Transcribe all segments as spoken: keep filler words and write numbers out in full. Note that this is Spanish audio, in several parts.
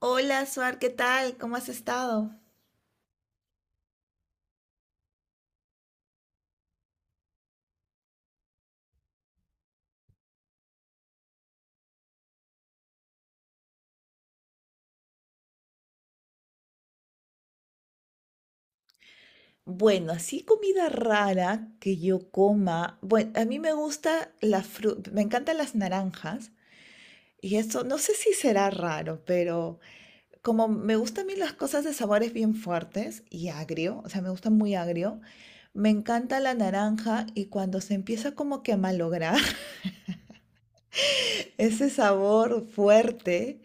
Hola, Suar, ¿qué tal? ¿Cómo has estado? Bueno, así comida rara que yo coma. Bueno, a mí me gusta la fruta, me encantan las naranjas y esto no sé si será raro, pero como me gustan a mí las cosas de sabores bien fuertes y agrio, o sea, me gusta muy agrio, me encanta la naranja y cuando se empieza como que a malograr ese sabor fuerte,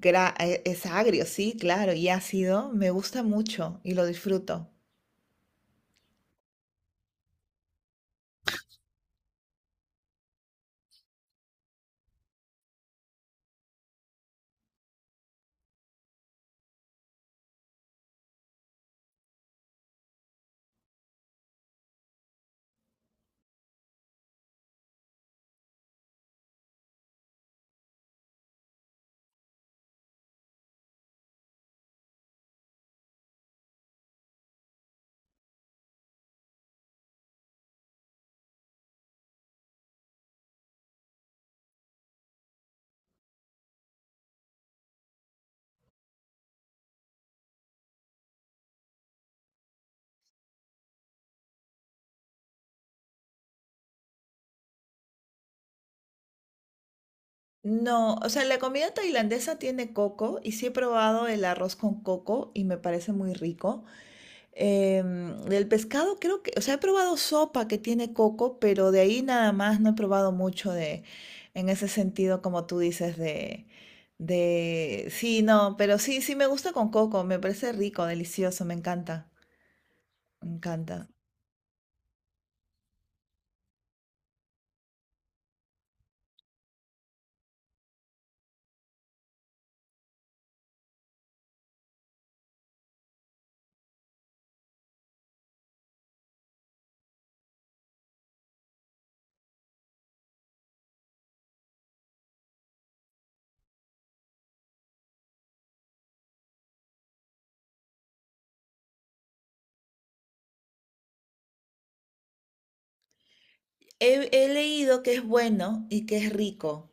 gra- eh, es agrio, sí, claro, y ácido, me gusta mucho y lo disfruto. No, o sea, la comida tailandesa tiene coco y sí he probado el arroz con coco y me parece muy rico. Em, del pescado creo que, o sea, he probado sopa que tiene coco, pero de ahí nada más no he probado mucho de, en ese sentido, como tú dices, de, de, sí, no, pero sí, sí me gusta con coco, me parece rico, delicioso, me encanta, me encanta. He, he leído que es bueno y que es rico.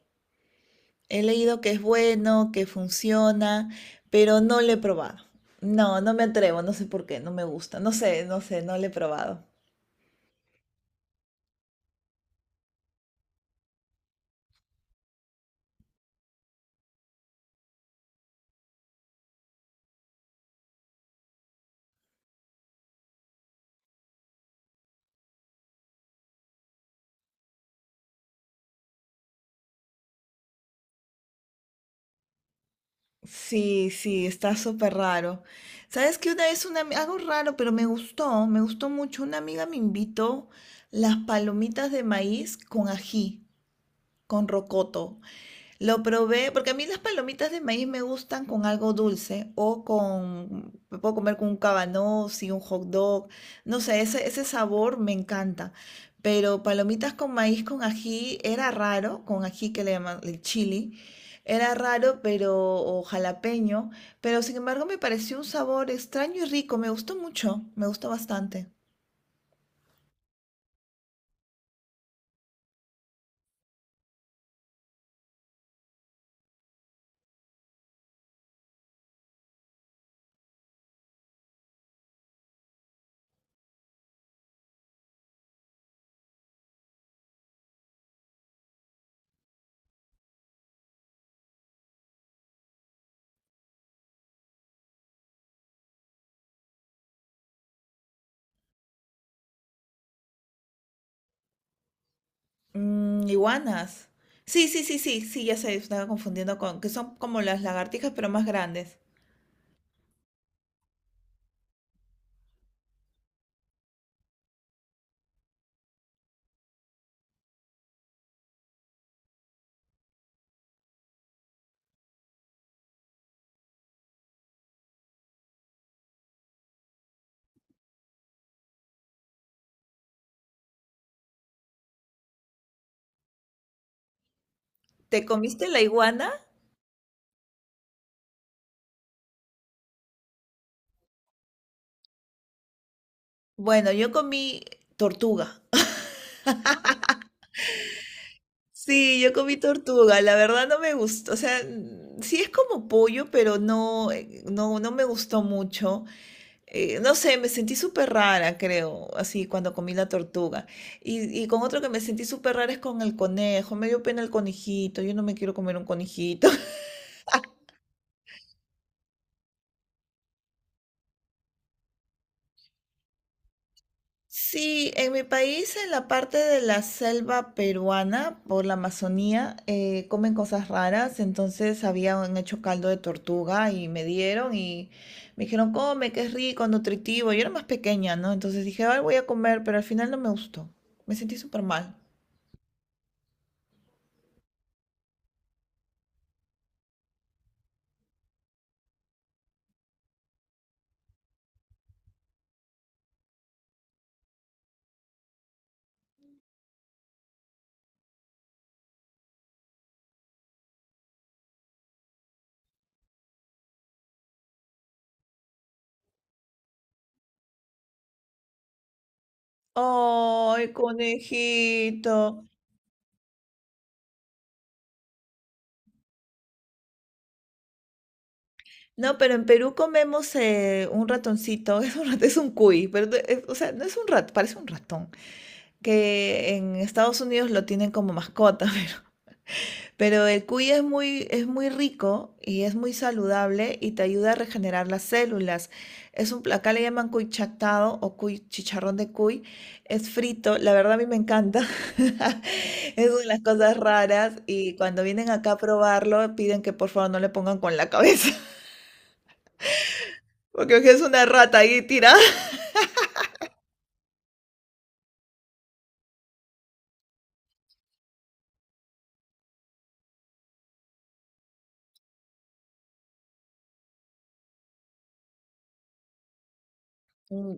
He leído que es bueno, que funciona, pero no lo he probado. No, no me atrevo, no sé por qué, no me gusta, no sé, no sé, no lo he probado. Sí, sí, está súper raro. ¿Sabes que una vez una, ami- algo raro, pero me gustó, me gustó mucho? Una amiga me invitó las palomitas de maíz con ají, con rocoto. Lo probé, porque a mí las palomitas de maíz me gustan con algo dulce o con, me puedo comer con un cabanossi y un hot dog, no sé, ese, ese sabor me encanta. Pero palomitas con maíz con ají era raro, con ají que le llaman el chili, era raro, pero, o jalapeño, pero sin embargo me pareció un sabor extraño y rico, me gustó mucho, me gustó bastante. Mm, iguanas. Sí, sí, sí, sí, sí, ya se estaba confundiendo con, que son como las lagartijas, pero más grandes. ¿Te comiste la iguana? Bueno, yo comí tortuga. Sí, yo comí tortuga, la verdad no me gustó, o sea, mm, sí es como pollo, pero no, eh, no, no me gustó mucho. Eh, no sé, me sentí súper rara, creo, así cuando comí la tortuga. Y, y con otro que me sentí súper rara es con el conejo, me dio pena el conejito, yo no me quiero comer un conejito. Sí, en mi país, en la parte de la selva peruana, por la Amazonía, eh, comen cosas raras. Entonces habían hecho caldo de tortuga y me dieron y me dijeron, come, que es rico, nutritivo. Yo era más pequeña, ¿no? Entonces dije, ay, voy a comer, pero al final no me gustó. Me sentí súper mal. Ay, conejito. No, pero en Perú comemos eh, un ratoncito, es un, rat- es un cuy, pero no- es- o sea, no es un rat, parece un ratón, que en Estados Unidos lo tienen como mascota, pero, pero el cuy es muy, es muy rico y es muy saludable y te ayuda a regenerar las células. Es un, pla- acá le llaman cuy chactado o cuy chicharrón de cuy, es frito, la verdad a mí me encanta. Es una de las cosas raras y cuando vienen acá a probarlo piden que por favor no le pongan con la cabeza. Porque es una rata ahí tira. Mm.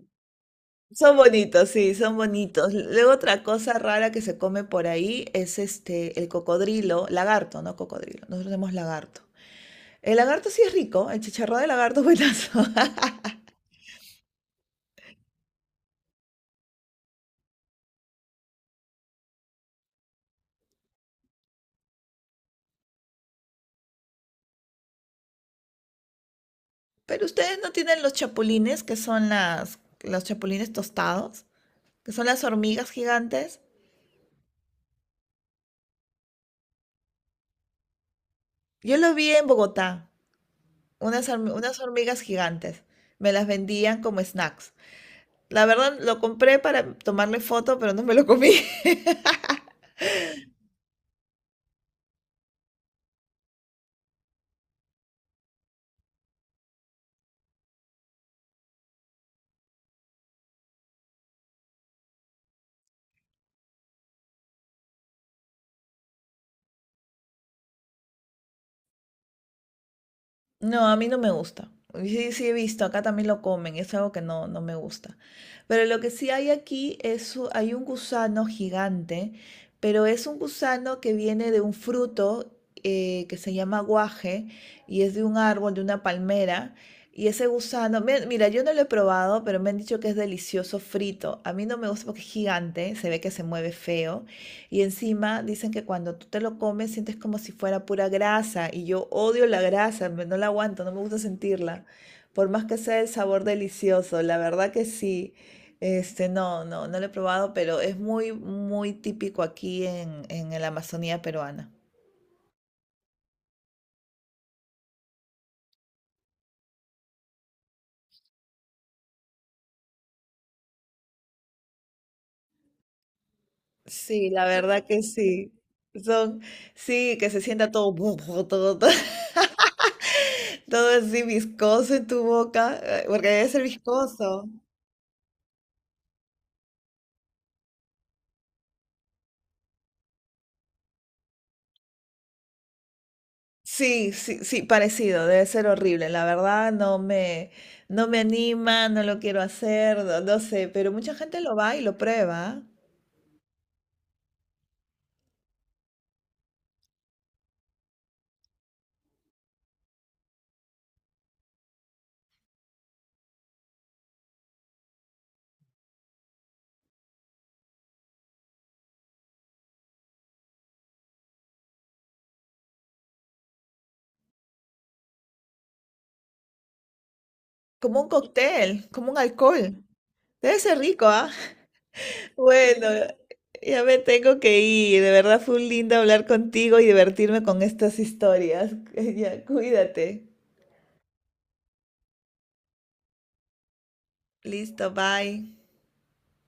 Son bonitos, sí, son bonitos. Luego otra cosa rara que se come por ahí es este, el cocodrilo, lagarto, no cocodrilo. Nosotros tenemos lagarto. El lagarto sí es rico, el chicharrón de lagarto es buenazo. Pero ustedes no tienen los chapulines, que son las, los chapulines tostados, que son las hormigas gigantes. Yo lo vi en Bogotá, unas, horm- unas hormigas gigantes. Me las vendían como snacks. La verdad, lo compré para tomarle foto, pero no me lo comí. No, a mí no me gusta. Sí, sí he visto, acá también lo comen, es algo que no, no me gusta. Pero lo que sí hay aquí es, u- hay un gusano gigante, pero es un gusano que viene de un fruto eh, que se llama guaje y es de un árbol, de una palmera. Y ese gusano, me- mira, yo no lo he probado, pero me han dicho que es delicioso frito. A mí no me gusta porque es gigante, se ve que se mueve feo. Y encima dicen que cuando tú te lo comes sientes como si fuera pura grasa y yo odio la grasa, me- no la aguanto, no me gusta sentirla, por más que sea el sabor delicioso, la verdad que sí. Este, no, no, no lo he probado, pero es muy, muy típico aquí en, en la Amazonía peruana. Sí, la verdad que sí. Son, sí, que se sienta todo, bu- bu- todo, todo, todo así viscoso en tu boca, eh, porque debe ser viscoso. Sí, sí, sí, parecido, debe ser horrible, la verdad no me, no me anima, no lo quiero hacer, no, no sé, pero mucha gente lo va y lo prueba, ¿ah? Como un cóctel, como un alcohol, debe ser rico, ¿ah? Bueno, ya me tengo que ir, de verdad fue un lindo hablar contigo y divertirme con estas historias. Ya, cuídate, listo, bye.